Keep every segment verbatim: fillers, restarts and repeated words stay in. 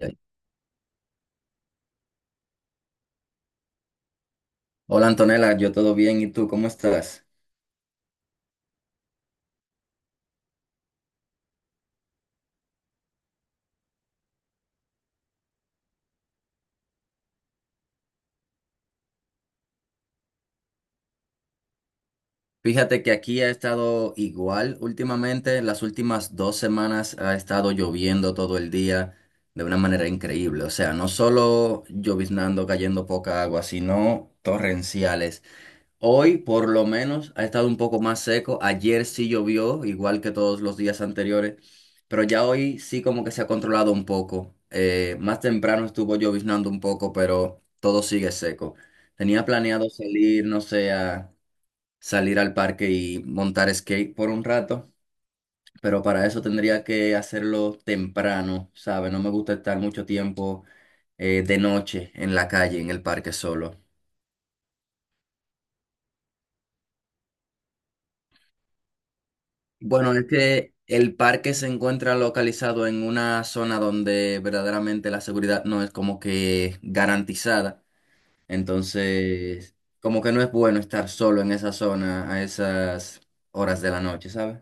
Ya. Hola Antonella, yo todo bien, ¿y tú cómo estás? Fíjate que aquí ha estado igual últimamente, las últimas dos semanas ha estado lloviendo todo el día de una manera increíble, o sea, no solo lloviznando, cayendo poca agua, sino torrenciales. Hoy por lo menos ha estado un poco más seco. Ayer sí llovió, igual que todos los días anteriores, pero ya hoy sí como que se ha controlado un poco. Eh, más temprano estuvo lloviznando un poco, pero todo sigue seco. Tenía planeado salir, no sé, a salir al parque y montar skate por un rato, pero para eso tendría que hacerlo temprano, ¿sabes? No me gusta estar mucho tiempo eh, de noche en la calle, en el parque solo. Bueno, es que el parque se encuentra localizado en una zona donde verdaderamente la seguridad no es como que garantizada. Entonces, como que no es bueno estar solo en esa zona a esas horas de la noche, ¿sabes?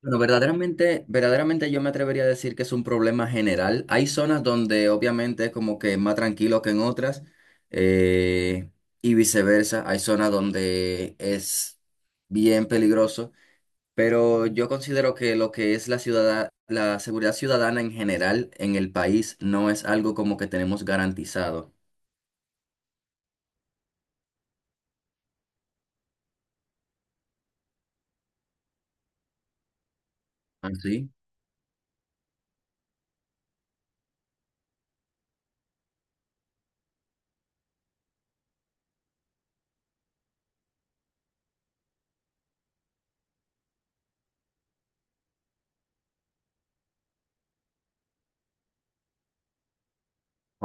Bueno, verdaderamente, verdaderamente yo me atrevería a decir que es un problema general. Hay zonas donde obviamente es como que más tranquilo que en otras, eh, y viceversa. Hay zonas donde es bien peligroso. Pero yo considero que lo que es la ciudad, la seguridad ciudadana en general en el país no es algo como que tenemos garantizado. ¿Ah, sí?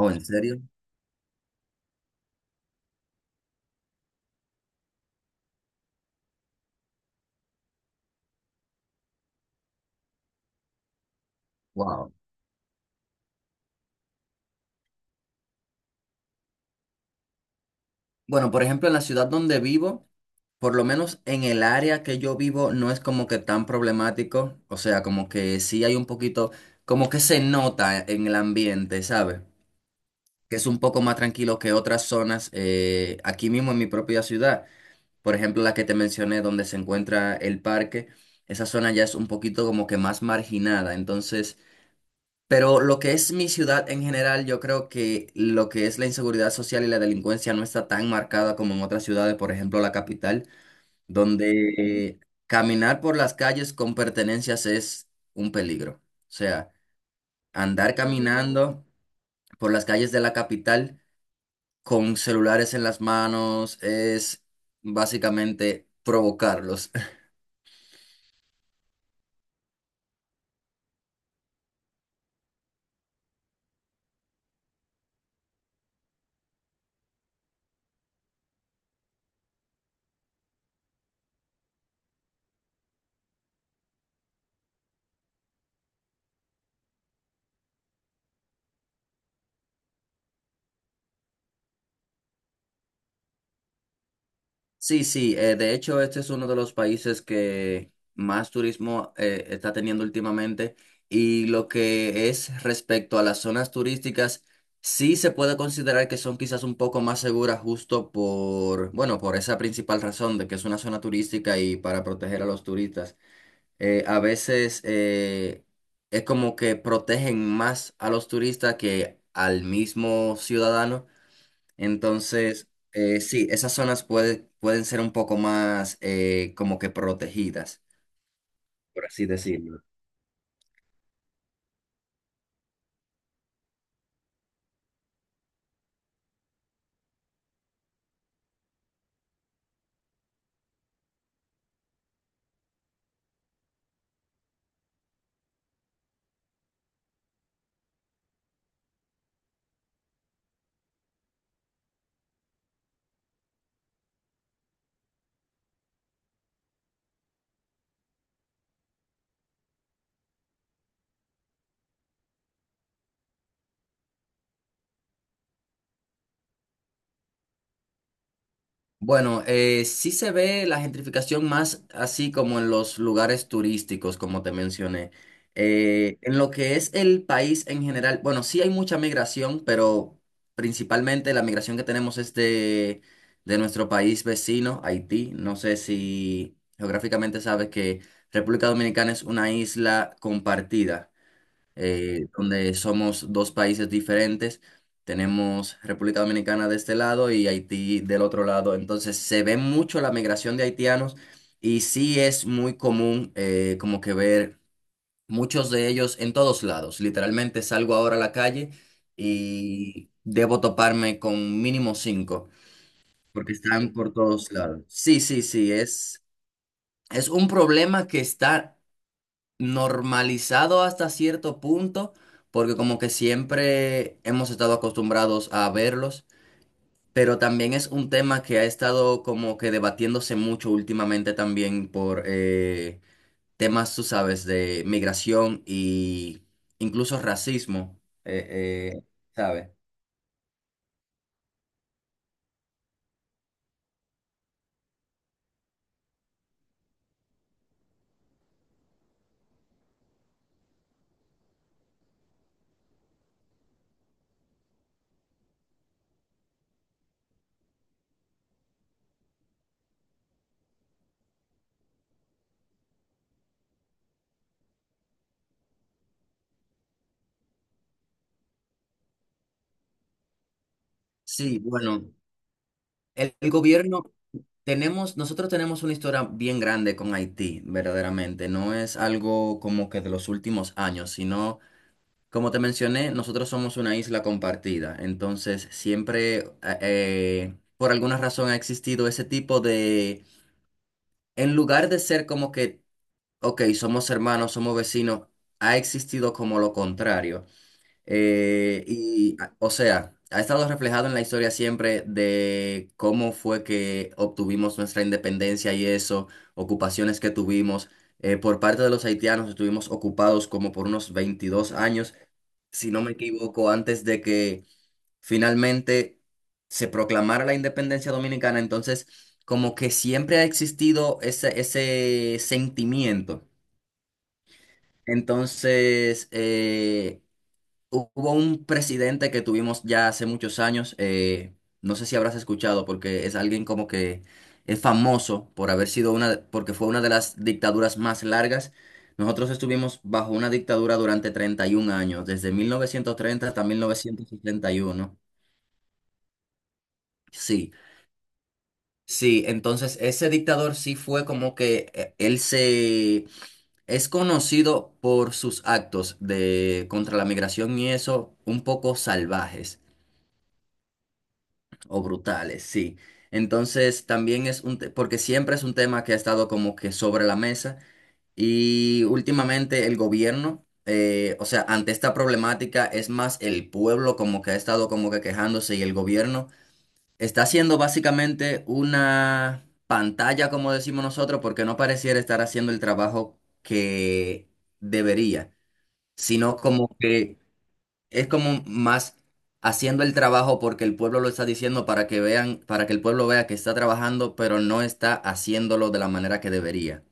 ¿O en serio? Wow. Bueno, por ejemplo, en la ciudad donde vivo, por lo menos en el área que yo vivo, no es como que tan problemático. O sea, como que sí hay un poquito, como que se nota en el ambiente, ¿sabes? Que es un poco más tranquilo que otras zonas eh, aquí mismo en mi propia ciudad. Por ejemplo, la que te mencioné, donde se encuentra el parque, esa zona ya es un poquito como que más marginada. Entonces, pero lo que es mi ciudad en general, yo creo que lo que es la inseguridad social y la delincuencia no está tan marcada como en otras ciudades, por ejemplo, la capital, donde eh, caminar por las calles con pertenencias es un peligro. O sea, andar caminando por las calles de la capital con celulares en las manos es básicamente provocarlos. Sí, sí, eh, de hecho este es uno de los países que más turismo eh, está teniendo últimamente y lo que es respecto a las zonas turísticas, sí se puede considerar que son quizás un poco más seguras justo por, bueno, por esa principal razón de que es una zona turística y para proteger a los turistas. Eh, a veces eh, es como que protegen más a los turistas que al mismo ciudadano entonces, eh, sí, esas zonas puede- pueden ser un poco más eh, como que protegidas, por así decirlo. Bueno, eh, sí se ve la gentrificación más así como en los lugares turísticos, como te mencioné. Eh, en lo que es el país en general, bueno, sí hay mucha migración, pero principalmente la migración que tenemos es de, de nuestro país vecino, Haití. No sé si geográficamente sabes que República Dominicana es una isla compartida. Eh, donde somos dos países diferentes. Tenemos República Dominicana de este lado y Haití del otro lado. Entonces se ve mucho la migración de haitianos y sí es muy común eh, como que ver muchos de ellos en todos lados. Literalmente salgo ahora a la calle y debo toparme con mínimo cinco porque están por todos lados. Sí, sí, sí, es, es un problema que está normalizado hasta cierto punto, porque como que siempre hemos estado acostumbrados a verlos, pero también es un tema que ha estado como que debatiéndose mucho últimamente también por eh, temas, tú sabes, de migración y, incluso, racismo, eh, eh, ¿sabes? Sí, bueno, el, el gobierno, tenemos, nosotros tenemos una historia bien grande con Haití, verdaderamente, no es algo como que de los últimos años, sino... Como te mencioné, nosotros somos una isla compartida, entonces siempre eh, eh, por alguna razón ha existido ese tipo de, en lugar de ser como que, ok, somos hermanos, somos vecinos, ha existido como lo contrario. Eh, y, a- o sea, ha estado reflejado en la historia siempre de cómo fue que obtuvimos nuestra independencia y eso, ocupaciones que tuvimos. Eh, por parte de los haitianos estuvimos ocupados como por unos veintidós años si no me equivoco, antes de que finalmente se proclamara la independencia dominicana. Entonces, como que siempre ha existido ese, ese sentimiento. Entonces, eh, Hubo un presidente que tuvimos ya hace muchos años, eh, no sé si habrás escuchado, porque es alguien como que es famoso por haber sido una, porque fue una de las dictaduras más largas. Nosotros estuvimos bajo una dictadura durante treinta y un años, desde mil novecientos treinta hasta mil novecientos setenta y uno. Sí, sí, entonces ese dictador sí fue como que eh, él se... Es conocido por sus actos de contra la migración y eso, un poco salvajes. O brutales, sí. Entonces también es un, te- porque siempre es un tema que ha estado como que sobre la mesa y últimamente el gobierno, eh, o sea, ante esta problemática es más el pueblo como que ha estado como que quejándose y el gobierno está haciendo básicamente una pantalla, como decimos nosotros, porque no pareciera estar haciendo el trabajo que debería, sino como que es como más haciendo el trabajo porque el pueblo lo está diciendo para que vean, para que el pueblo vea que está trabajando, pero no está haciéndolo de la manera que debería.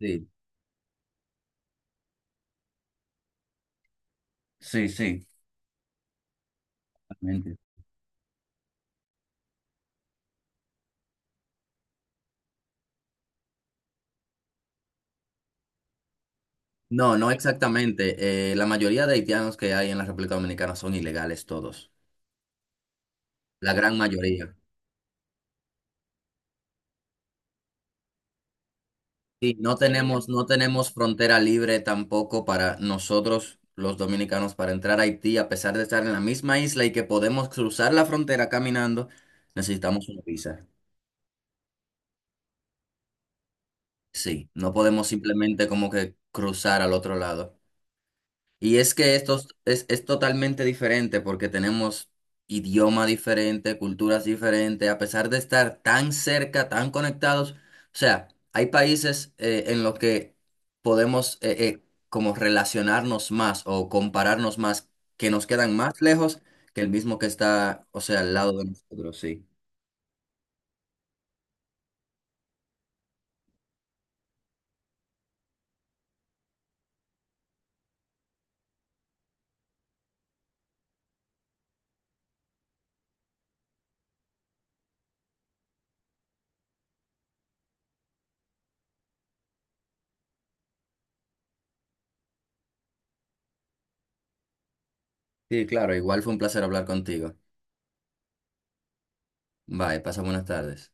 Sí, sí, sí, realmente. No, no exactamente. Eh, la mayoría de haitianos que hay en la República Dominicana son ilegales todos, la gran mayoría. Sí, no tenemos, no tenemos frontera libre tampoco para nosotros, los dominicanos, para entrar a Haití, a pesar de estar en la misma isla y que podemos cruzar la frontera caminando, necesitamos una visa. Sí, no podemos simplemente como que cruzar al otro lado. Y es que esto es, es totalmente diferente porque tenemos idioma diferente, culturas diferentes, a pesar de estar tan cerca, tan conectados. O sea, hay países eh, en los que podemos eh, eh, como relacionarnos más o compararnos más, que nos quedan más lejos que el mismo que está, o sea, al lado de nosotros, sí. Sí, claro, igual fue un placer hablar contigo. Bye, pasa buenas tardes.